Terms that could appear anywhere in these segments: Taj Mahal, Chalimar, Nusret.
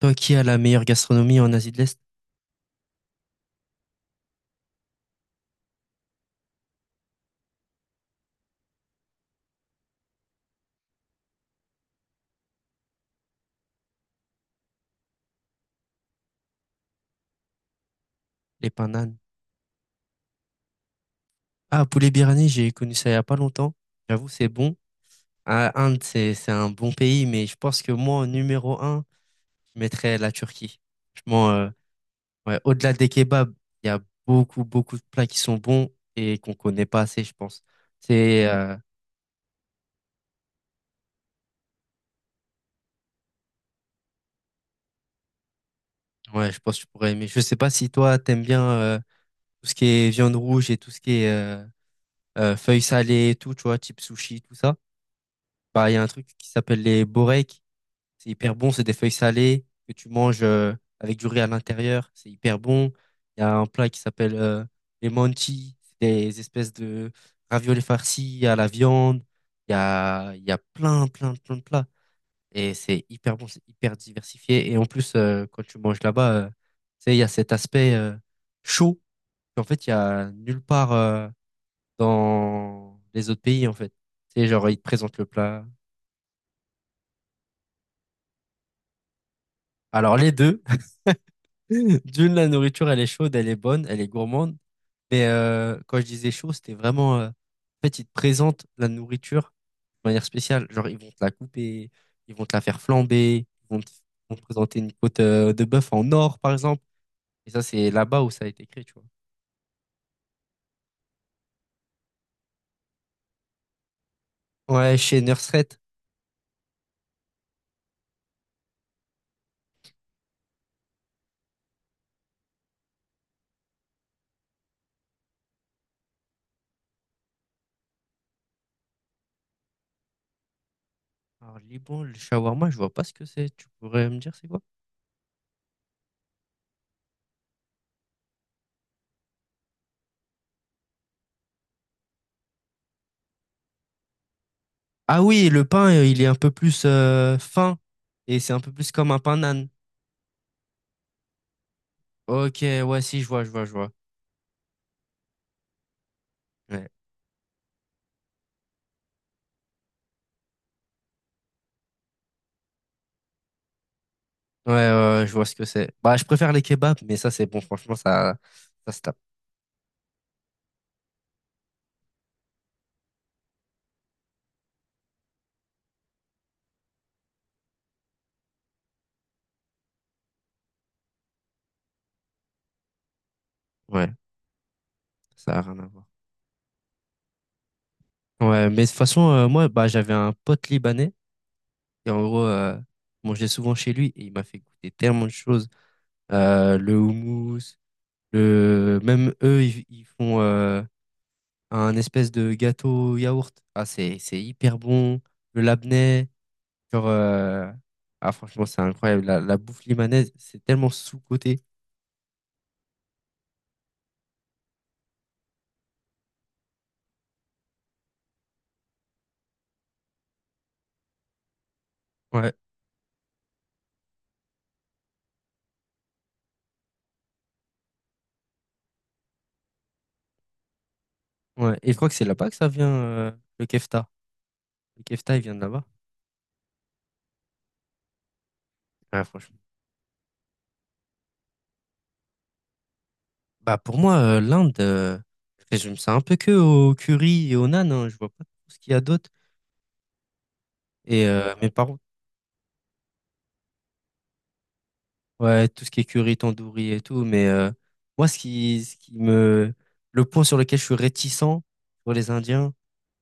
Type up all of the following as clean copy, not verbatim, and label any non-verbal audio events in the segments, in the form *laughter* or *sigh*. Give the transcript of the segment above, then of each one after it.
Toi qui as la meilleure gastronomie en Asie de l'Est, les pananes. Ah, poulet birani. J'ai connu ça il y a pas longtemps. J'avoue, c'est bon. Ah, Inde, c'est un bon pays, mais je pense que moi, en numéro un, je mettrais la Turquie. Franchement, ouais, au-delà des kebabs, il y a beaucoup, beaucoup de plats qui sont bons et qu'on connaît pas assez, je pense. C'est, euh, ouais, je pense que tu pourrais aimer. Je sais pas si toi, t'aimes bien tout ce qui est viande rouge et tout ce qui est feuilles salées et tout, tu vois, type sushi, tout ça. Bah, il y a un truc qui s'appelle les boreks. C'est hyper bon, c'est des feuilles salées que tu manges avec du riz à l'intérieur. C'est hyper bon. Il y a un plat qui s'appelle les mantis, c'est des espèces de raviolis farcis à la viande. Il y a plein, plein, plein de plats. Et c'est hyper bon, c'est hyper diversifié. Et en plus, quand tu manges là-bas, tu sais, il y a cet aspect chaud qu'en fait, il y a nulle part dans les autres pays, en fait. Tu sais, genre, ils te présentent le plat. Alors, les deux. D'une, la nourriture, elle est chaude, elle est bonne, elle est gourmande. Mais quand je disais chaud, c'était vraiment en fait, ils te présentent la nourriture de manière spéciale. Genre, ils vont te la couper, ils vont te la faire flamber, ils vont te présenter une côte de bœuf en or, par exemple. Et ça, c'est là-bas où ça a été créé, tu vois. Ouais, chez Nusret. Alors, Liban, le shawarma, je vois pas ce que c'est. Tu pourrais me dire c'est quoi? Ah oui, le pain, il est un peu plus fin. Et c'est un peu plus comme un pain nan. Ok, ouais, si, je vois, je vois, je vois. Ouais. Ouais, ouais, ouais, je vois ce que c'est. Bah, je préfère les kebabs, mais ça, c'est bon, franchement, ça se tape. Ouais, ça a rien à voir. Ouais, mais de toute façon, moi, bah, j'avais un pote libanais, et en gros, je mangeais souvent chez lui, et il m'a fait goûter tellement de choses. Le houmous, le même eux, ils font un espèce de gâteau yaourt. Ah, c'est hyper bon. Le labneh, genre, ah, franchement, c'est incroyable. La bouffe libanaise, c'est tellement sous-coté. Ouais. Ouais, et je crois que c'est là-bas que ça vient, le kefta. Le kefta, il vient de là-bas. Ouais, franchement. Bah, pour moi, l'Inde, je résume ça un peu que au curry et au naan, hein. Je vois pas trop ce qu'il y a d'autre. Et mes parents, ouais, tout ce qui est curry, tandoori et tout. Mais moi, le point sur lequel je suis réticent pour les Indiens,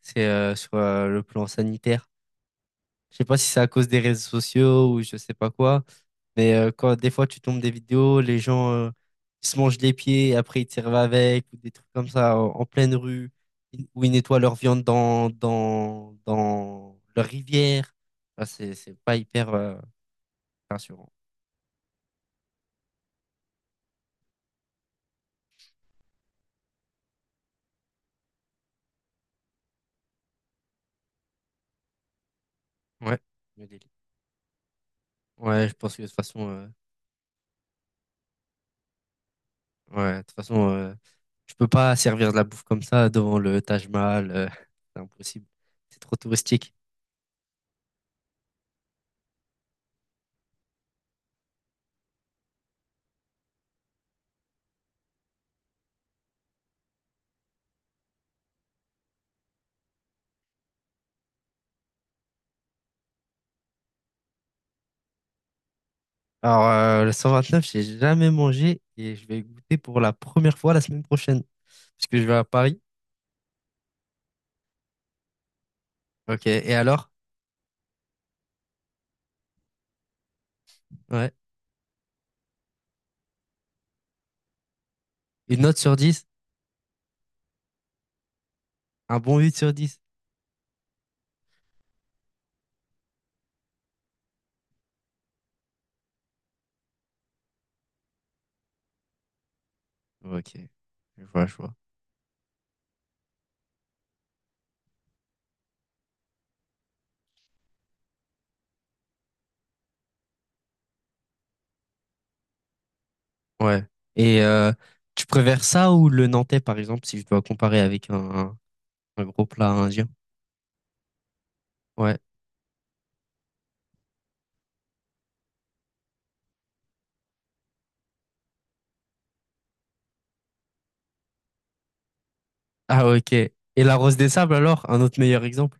c'est sur le plan sanitaire. Je sais pas si c'est à cause des réseaux sociaux ou je sais pas quoi, mais quand des fois tu tombes des vidéos, les gens ils se mangent les pieds et après ils te servent avec ou des trucs comme ça en, en pleine rue, ils- où ils nettoient leur viande dans dans leur rivière. Ah, c'est pas hyper rassurant. Ouais. Le délire. Ouais, je pense que de toute façon ouais, de toute façon euh, je peux pas servir de la bouffe comme ça devant le Taj Mahal, *laughs* c'est impossible. C'est trop touristique. Alors, le 129, j'ai jamais mangé et je vais goûter pour la première fois la semaine prochaine. Parce que je vais à Paris. Ok. Et alors? Ouais. Une note sur dix, un bon 8 sur 10. Ok. Je vois, je vois. Ouais. Et tu préfères ça ou le nantais, par exemple, si je dois comparer avec un gros plat indien? Ouais. Ah, ok. Et la rose des sables, alors? Un autre meilleur exemple?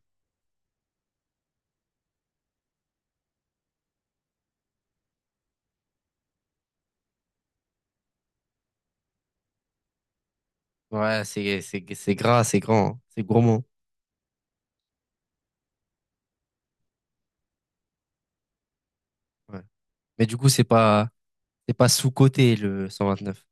Ouais, c'est gras, c'est grand, hein, c'est gourmand. Ouais. Mais du coup, c'est pas sous-coté, le 129.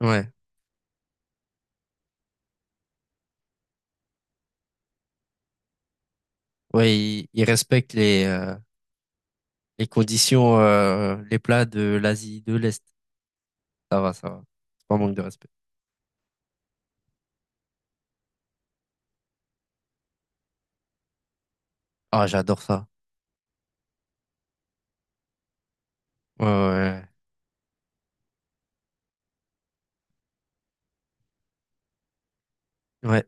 Ouais. Ouais, ils respectent les conditions, les plats de l'Asie de l'Est. Ça va, ça va. C'est pas un manque de respect. Ah, j'adore ça. Ouais, ouais, ouais.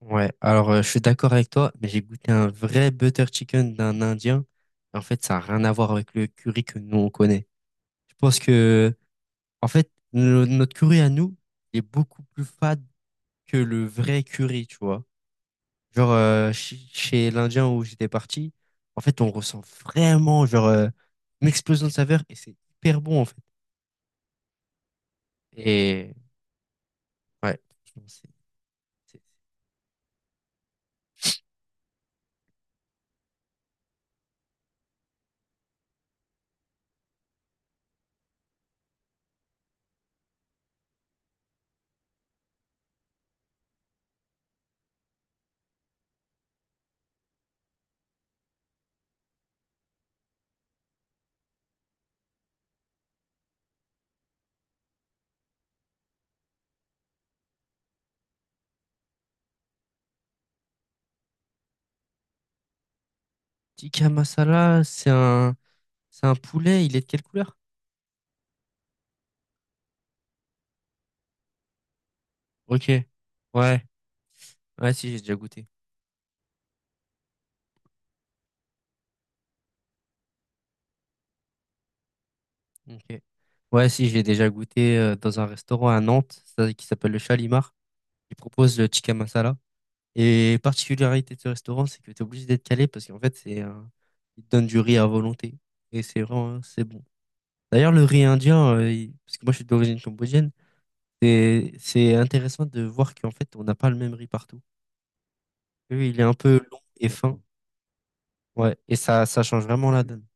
Ouais. Alors, je suis d'accord avec toi, mais j'ai goûté un vrai butter chicken d'un Indien. En fait, ça n'a rien à voir avec le curry que nous, on connaît. Je pense que, en fait, no- notre curry à nous est beaucoup plus fade que le vrai curry, tu vois. Genre, chi- chez l'Indien où j'étais parti, en fait, on ressent vraiment, genre, une explosion de saveur et c'est hyper bon, en fait. Et, ouais, franchement, c'est- Tikka masala, c'est un poulet, il est de quelle couleur? Ok. Ouais, ouais, si, j'ai déjà goûté. Ok. Ouais, si, j'ai déjà goûté dans un restaurant à Nantes ça- qui s'appelle le Chalimar. Il propose le tikka masala. Et particularité de ce restaurant, c'est que tu es obligé d'être calé parce qu'en fait, c'est un ils te donnent du riz à volonté. Et c'est vraiment, c'est bon. D'ailleurs, le riz indien, il- parce que moi, je suis d'origine cambodgienne, c'est intéressant de voir qu'en fait, on n'a pas le même riz partout. Eux, il est un peu long et fin. Ouais, et ça change vraiment la donne.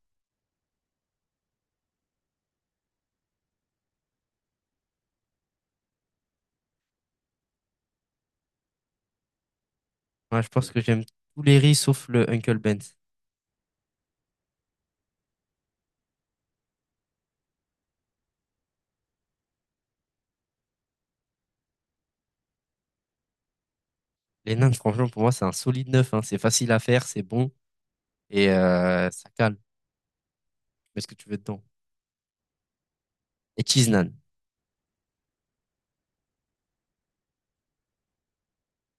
Ouais, je pense que j'aime tous les riz sauf le Uncle Ben's. Les nains, franchement, pour moi, c'est un solide neuf, hein. C'est facile à faire, c'est bon et ça cale. Tu mets ce que tu veux dedans. Et cheese naan.